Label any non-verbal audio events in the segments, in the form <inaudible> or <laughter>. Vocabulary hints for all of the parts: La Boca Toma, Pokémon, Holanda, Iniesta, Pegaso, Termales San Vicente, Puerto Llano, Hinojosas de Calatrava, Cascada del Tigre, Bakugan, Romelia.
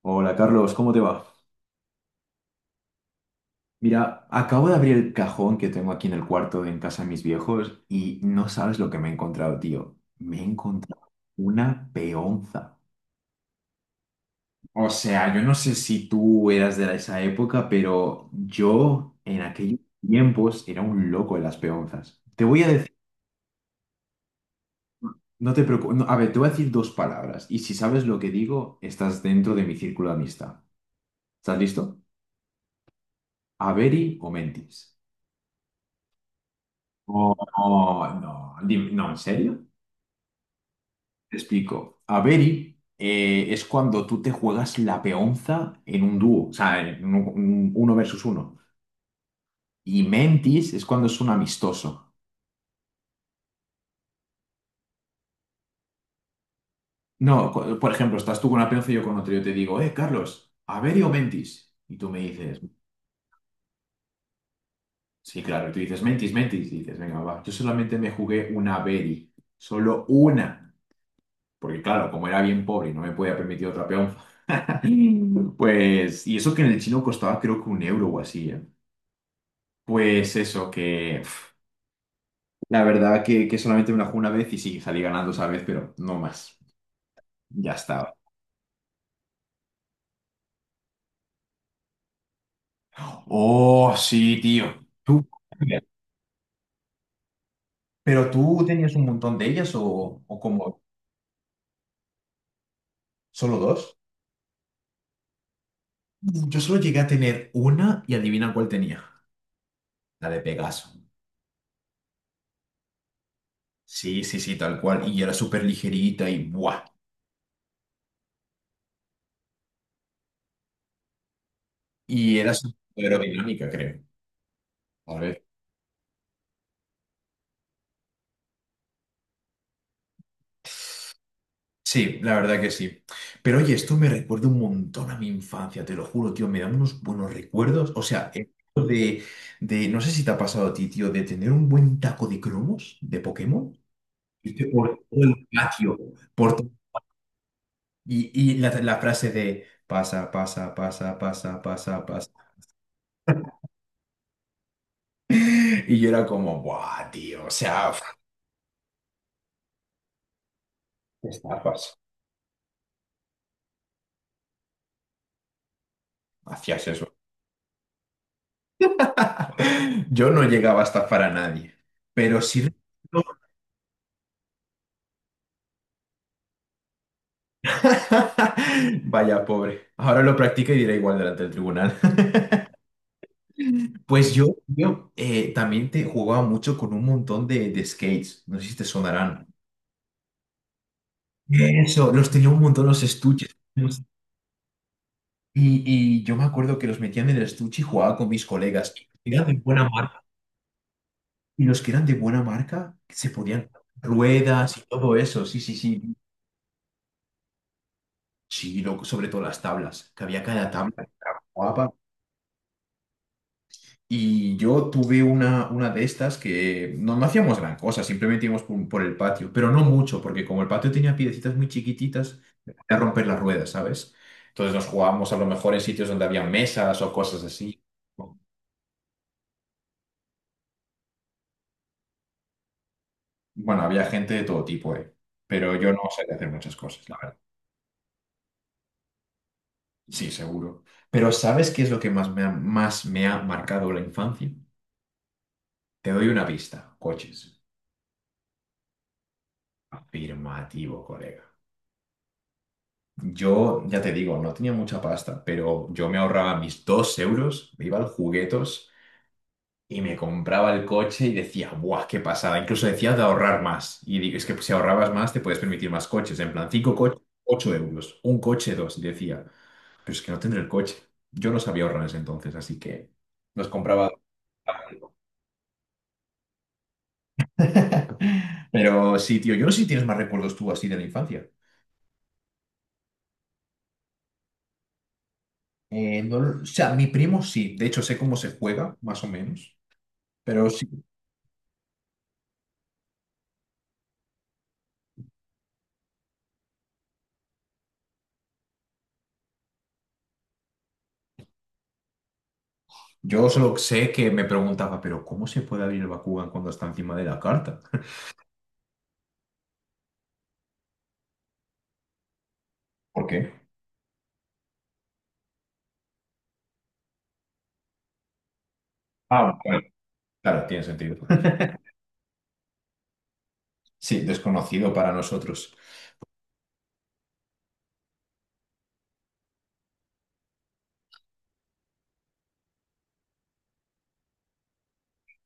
Hola Carlos, ¿cómo te va? Mira, acabo de abrir el cajón que tengo aquí en el cuarto de en casa de mis viejos y no sabes lo que me he encontrado, tío. Me he encontrado una peonza. O sea, yo no sé si tú eras de esa época, pero yo en aquellos tiempos era un loco de las peonzas. Te voy a decir, no te preocupes, a ver, te voy a decir dos palabras y si sabes lo que digo, estás dentro de mi círculo de amistad. ¿Estás listo? ¿Averi o mentis? Oh, no, no, no, ¿en serio? Te explico. Averi es cuando tú te juegas la peonza en un dúo, o sea, en uno versus uno. Y mentis es cuando es un amistoso. No, por ejemplo, estás tú con una peonza y yo con otro. Yo te digo, Carlos, ¿Averi o mentis? Y tú me dices, sí, claro. Y tú dices, mentis, mentis. Y dices, venga, va. Yo solamente me jugué una Averi. Solo una. Porque claro, como era bien pobre y no me podía permitir otra peonza, <laughs> pues... Y eso que en el chino costaba creo que 1 euro o así, ¿eh? Pues eso, que pf, la verdad que solamente me la jugué una vez y sí, salí ganando esa vez, pero no más. Ya estaba. Oh, sí, tío. Tú. ¿Pero tú tenías un montón de ellas o como solo dos? Yo solo llegué a tener una y adivina cuál tenía. La de Pegaso. Sí, sí, sí, tal cual. Y era súper ligerita y ¡buah! Y era súper aerodinámica, creo. A ver. Sí, la verdad que sí. Pero oye, esto me recuerda un montón a mi infancia, te lo juro, tío, me da unos buenos recuerdos. O sea, el hecho de, no sé si te ha pasado a ti, tío, de tener un buen taco de cromos de Pokémon, ¿viste? Por todo el patio, por to- y la frase de pasa, pasa, pasa, pasa, pasa, pasa. <laughs> Y yo era como, buah, tío, o sea, uf, qué estafas, hacías eso. <laughs> Yo no llegaba a estafar a nadie, pero sí... <laughs> Vaya, pobre. Ahora lo practica y dirá igual delante del tribunal. <laughs> Pues yo también te jugaba mucho con un montón de skates. No sé si te sonarán. Eso, los tenía un montón los estuches. Y yo me acuerdo que los metían en el estuche y jugaba con mis colegas. Y eran de buena marca. Y los que eran de buena marca se podían ruedas y todo eso. Sí, sí, sí. Sí, sobre todo las tablas, que había cada tabla guapa. Y yo tuve una de estas que no, no hacíamos gran cosa, simplemente íbamos por el patio, pero no mucho, porque como el patio tenía piedecitas muy chiquititas, me podía romper las ruedas, ¿sabes? Entonces nos jugábamos a lo mejor en sitios donde había mesas o cosas así. Bueno, había gente de todo tipo, ¿eh? Pero yo no sabía hacer muchas cosas, la verdad. Sí, seguro. Pero ¿sabes qué es lo que más me ha marcado la infancia? Te doy una pista, coches. Afirmativo, colega. Yo, ya te digo, no tenía mucha pasta, pero yo me ahorraba mis 2 euros, me iba al juguetos y me compraba el coche y decía, ¡buah, qué pasada! Incluso decía de ahorrar más. Y digo, es que si ahorrabas más, te puedes permitir más coches. En plan, cinco coches, 8 euros. Un coche, dos. Y decía, pero es que no tendré el coche. Yo no sabía ahorrar en ese entonces, así que los compraba. <laughs> Pero sí, tío, yo no sé si tienes más recuerdos tú así de la infancia. No lo- O sea, mi primo sí, de hecho sé cómo se juega, más o menos. Pero yo solo sé que me preguntaba, pero ¿cómo se puede abrir el Bakugan cuando está encima de la carta? ¿Por qué? Ah, bueno, claro, tiene sentido. <laughs> Sí, desconocido para nosotros.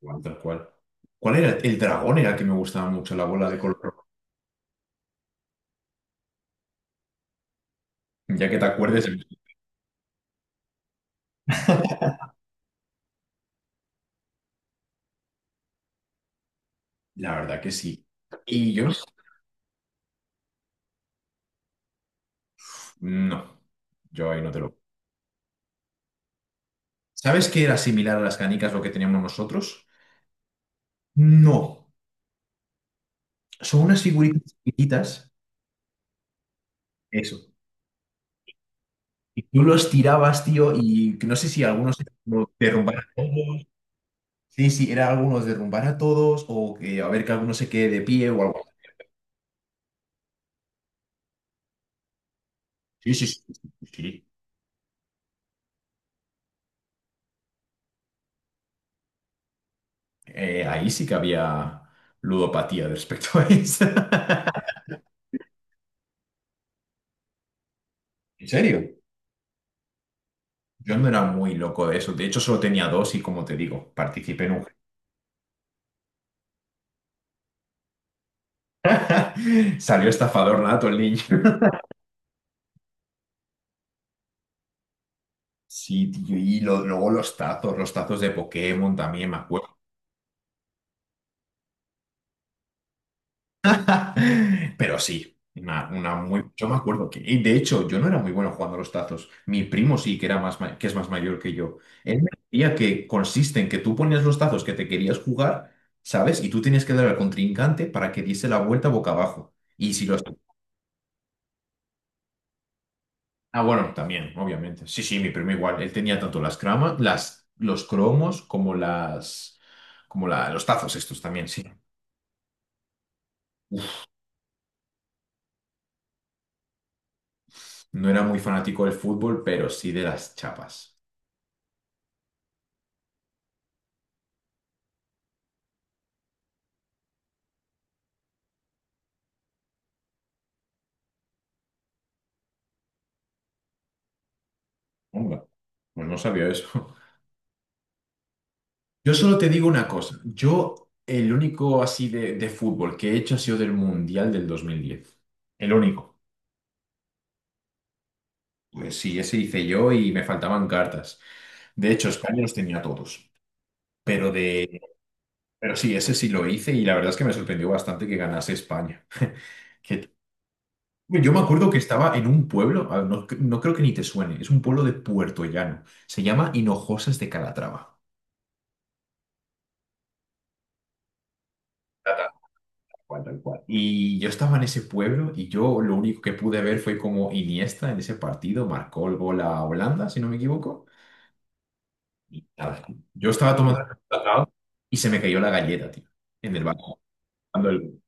Igual, tal cual. ¿Cuál era? El dragón era el que me gustaba mucho, la bola de color rojo. Ya que te acuerdes, <laughs> la verdad que sí. Y yo, no, yo ahí no te lo... ¿Sabes qué era similar a las canicas lo que teníamos nosotros? No, son unas figuritas chiquititas. Eso. Y tú los tirabas, tío, y que no sé si algunos eran como derrumbar a todos. Sí, sí, era algunos derrumbar a todos o que a ver que alguno se quede de pie o algo. Sí, sí, sí, sí. Sí. Sí. Ahí sí que había ludopatía de respecto a eso. <laughs> ¿En serio? Yo no era muy loco de eso. De hecho, solo tenía dos y como te digo, participé en un... <laughs> Salió estafador nato el niño. Sí, tío, luego los tazos, de Pokémon también, me acuerdo. <laughs> Pero sí, yo me acuerdo que, y de hecho, yo no era muy bueno jugando a los tazos. Mi primo sí, que es más mayor que yo. Él me decía que consiste en que tú ponías los tazos que te querías jugar, ¿sabes? Y tú tenías que dar al contrincante para que diese la vuelta boca abajo. Y si los... Ah, bueno, también, obviamente. Sí, sí, mi primo igual. Él tenía tanto las cramas, las, los cromos como las, como la, los tazos estos también, sí. No era muy fanático del fútbol, pero sí de las chapas. Onda. Pues no sabía eso. <laughs> Yo solo te digo una cosa. Yo, el único así de fútbol que he hecho ha sido del Mundial del 2010. El único. Pues sí, ese hice yo y me faltaban cartas. De hecho, España los tenía todos. Pero de, pero sí, ese sí lo hice y la verdad es que me sorprendió bastante que ganase España. <laughs> Que- yo me acuerdo que estaba en un pueblo, a ver, no, no creo que ni te suene, es un pueblo de Puerto Llano. Se llama Hinojosas de Calatrava. Tal cual. Y yo estaba en ese pueblo y yo lo único que pude ver fue como Iniesta en ese partido marcó el gol a Holanda, si no me equivoco. Y nada, yo estaba tomando el cacao y se me cayó la galleta, tío, en el balcón. cuando el-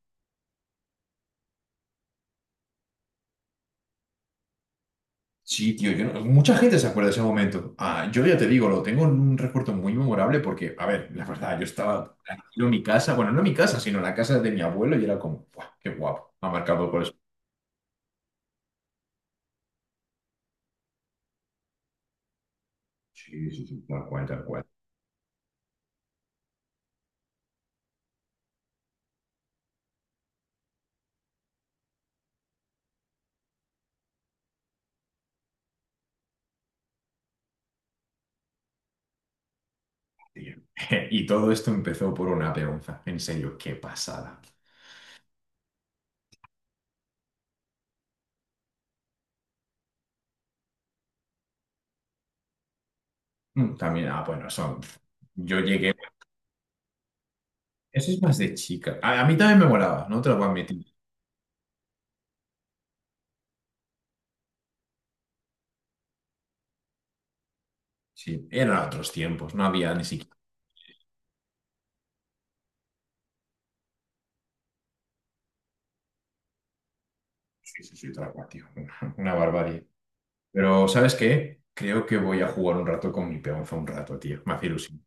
Sí, tío, yo no- mucha gente se acuerda de ese momento. Ah, yo ya te digo, lo tengo en un recuerdo muy memorable porque, a ver, la verdad, yo estaba tranquilo en mi casa, bueno, no en mi casa, sino en la casa de mi abuelo y era como, "¡Buah, qué guapo! Ha marcado goles". Sí, sí, sí, tal cual, tal cual. Tío. <laughs> Y todo esto empezó por una peonza. En serio, qué pasada. Mm, también, ah, bueno, son. Yo llegué. Eso es más de chica. A mí también me molaba, no te lo voy a admitir. Sí, eran otros tiempos, no había ni siquiera. Sí, sí, sí, tal cual, tío. <laughs> Una barbarie. Pero, ¿sabes qué? Creo que voy a jugar un rato con mi peonza un rato, tío. Me hace ilusión.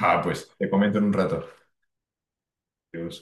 Ah, pues te comento en un rato. Adiós.